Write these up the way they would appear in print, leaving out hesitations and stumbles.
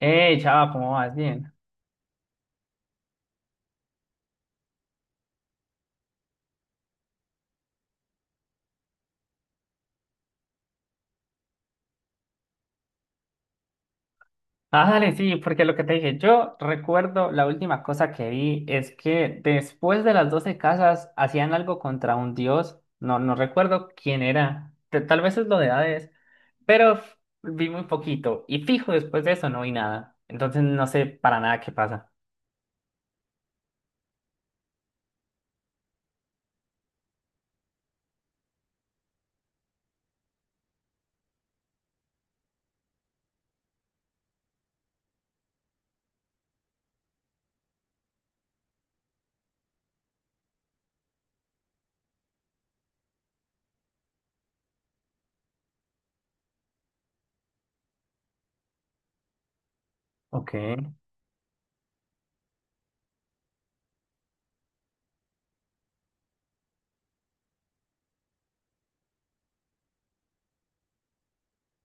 Hey, chava, ¿cómo vas? Bien. Ah, dale, sí, porque lo que te dije, yo recuerdo la última cosa que vi es que después de las 12 casas hacían algo contra un dios. No, no recuerdo quién era. Tal vez es lo de Hades, pero vi muy poquito. Y fijo, después de eso no vi nada. Entonces no sé para nada qué pasa. Ok.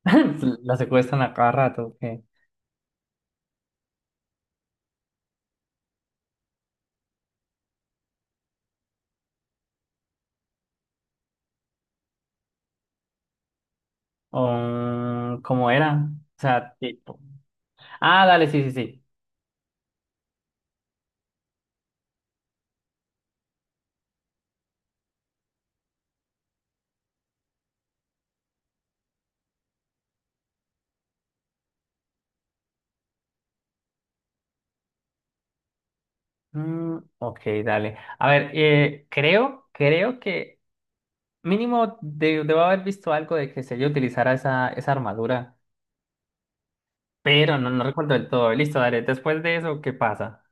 La secuestran a cada rato, ok. ¿Cómo era? O sea, tipo. Ah, dale, sí, sí, sí. Mm, ok, dale. A ver, creo que mínimo debo haber visto algo de que Seiya utilizara esa, esa armadura, pero no, no recuerdo del todo. Listo, dale. Después de eso, ¿qué pasa?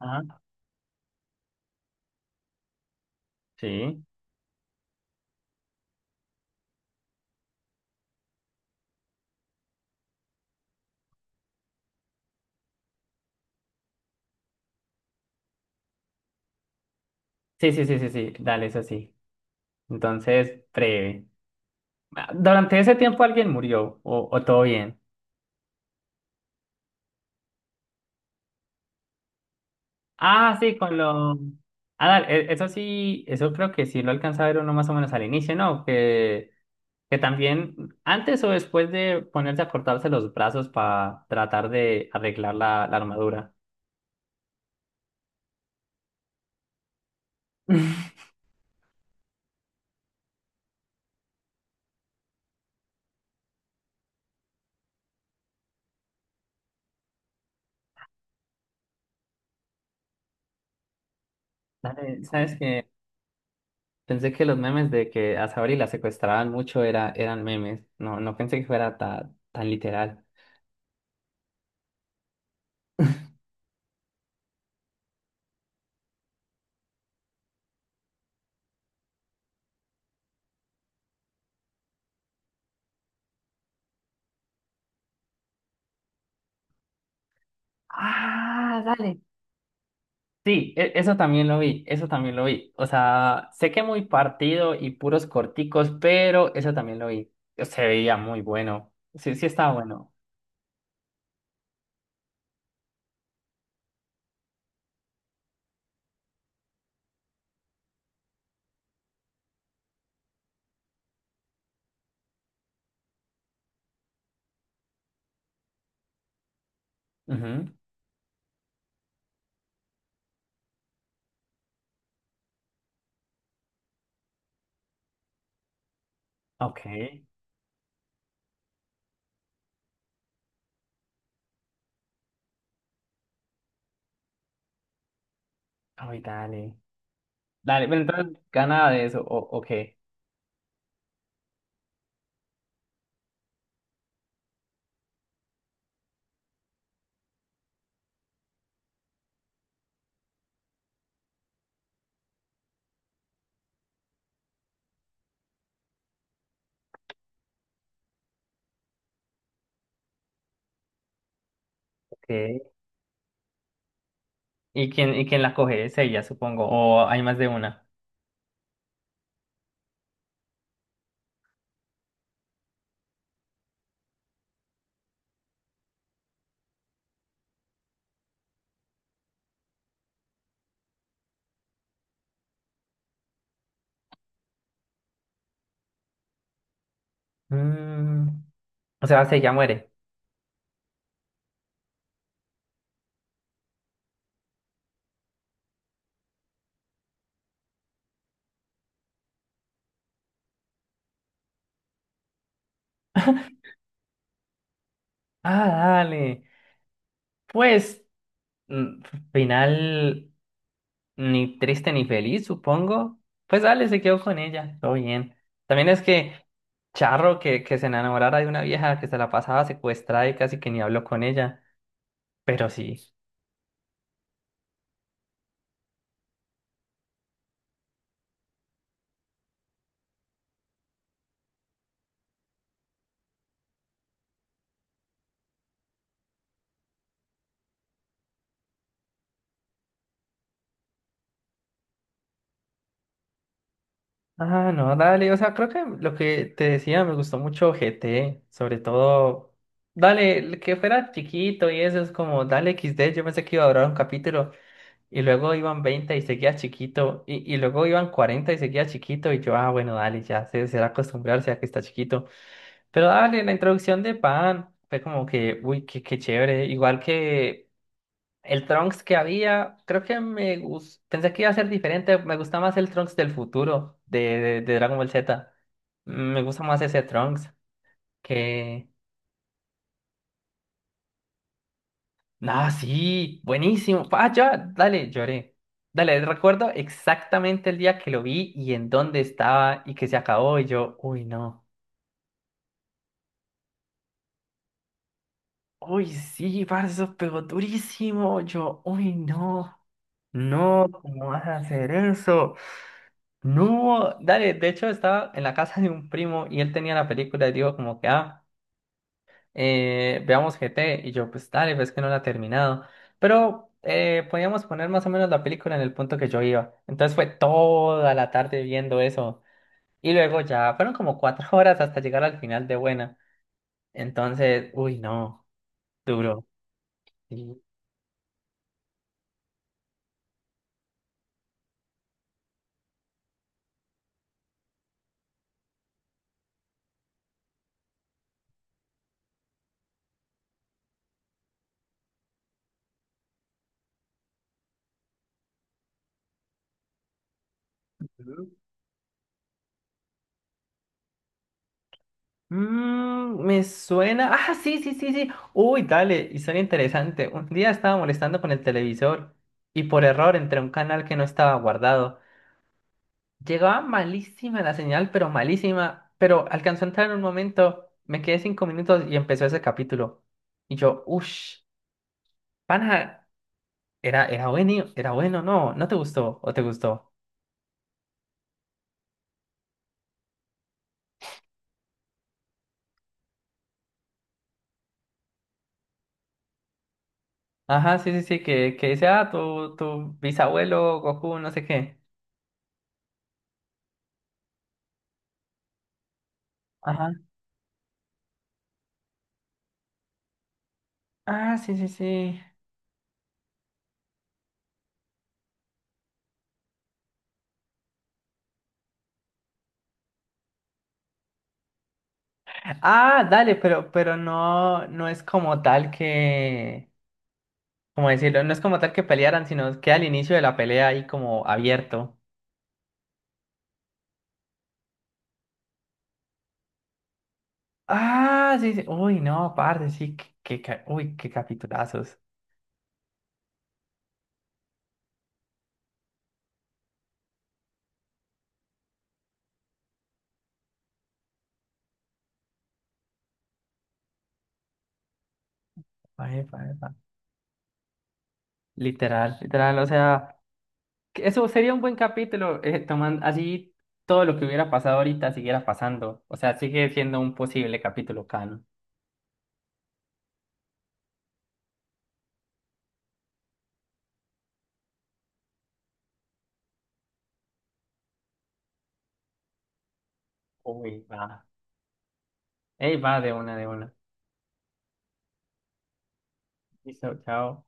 Ajá. Sí. Sí, sí, sí, sí, sí. Dale, eso sí. Entonces, breve. Ah, durante ese tiempo alguien murió, o todo bien. Ah, sí, con lo. Ah, dale, eso sí, eso creo que sí lo alcanza a ver uno más o menos al inicio, ¿no? Que también antes o después de ponerse a cortarse los brazos para tratar de arreglar la armadura. Dale, ¿sabes qué? Pensé que los memes de que a Saori la secuestraban mucho era, eran memes. No, no pensé que fuera tan literal. Ah, dale. Sí, eso también lo vi, eso también lo vi. O sea, sé que muy partido y puros corticos, pero eso también lo vi. Se veía muy bueno. Sí, sí estaba bueno. Ujú. Ok. Ay, dale. Dale, pero entonces gana de eso, o qué. Ok. ¿Y quién la coge? Es ella, supongo. O hay más de una. Mm, O sea, si ella muere. Ah, dale. Pues, mm, final ni triste ni feliz, supongo. Pues dale, se quedó con ella. Todo bien. También es que Charro que se enamorara de una vieja que se la pasaba secuestrada y casi que ni habló con ella. Pero sí. Ah, no, dale, o sea, creo que lo que te decía me gustó mucho GT, sobre todo, dale, el que fuera chiquito y eso es como, dale X D yo pensé que iba a durar un capítulo y luego iban 20 y seguía chiquito y luego iban 40 y seguía chiquito y yo, ah, bueno, dale, ya se será acostumbrarse a que está chiquito, pero dale, la introducción de Pan fue como que, uy, qué, qué chévere, igual que el Trunks que había, creo que me gustó, pensé que iba a ser diferente, me gusta más el Trunks del futuro de Dragon Ball Z. Me gusta más ese Trunks que. Ah, sí, buenísimo. Ah, ya, dale, lloré. Dale, recuerdo exactamente el día que lo vi y en dónde estaba y que se acabó y yo, uy, no. Uy, sí, parce, eso pegó durísimo. Yo, uy, no. No, ¿cómo vas a hacer eso? No, dale, de hecho estaba en la casa de un primo y él tenía la película y digo como que, ah, veamos GT y yo pues dale, ves que no la he terminado, pero podíamos poner más o menos la película en el punto que yo iba, entonces fue toda la tarde viendo eso y luego ya fueron como 4 horas hasta llegar al final de buena, entonces, uy, no, duro. Sí. Me suena. Ah, sí, sí, sí, sí. Uy, dale, historia interesante. Un día estaba molestando con el televisor y por error entré a un canal que no estaba guardado. Llegaba malísima la señal, pero malísima. Pero alcanzó a entrar en un momento, me quedé 5 minutos y empezó ese capítulo. Y yo, uff, pana, era bueno, era bueno, no, no te gustó o te gustó. Ajá, sí, sí, sí, que dice, ah, tu bisabuelo, Goku, no sé qué. Ajá. Ah, sí, sí, sí. Ah, dale, pero no, no es como tal que, ¿cómo decirlo? No es como tal que pelearan, sino que al inicio de la pelea ahí como abierto. Ah, sí, sí. Uy, no, parce, sí, qué, uy, qué capitulazos. Epa, epa, epa. Literal, literal, o sea, que eso sería un buen capítulo, tomando así todo lo que hubiera pasado ahorita siguiera pasando. O sea, sigue siendo un posible capítulo canon. Uy, va. Ey, va de una, de una. Listo, chao.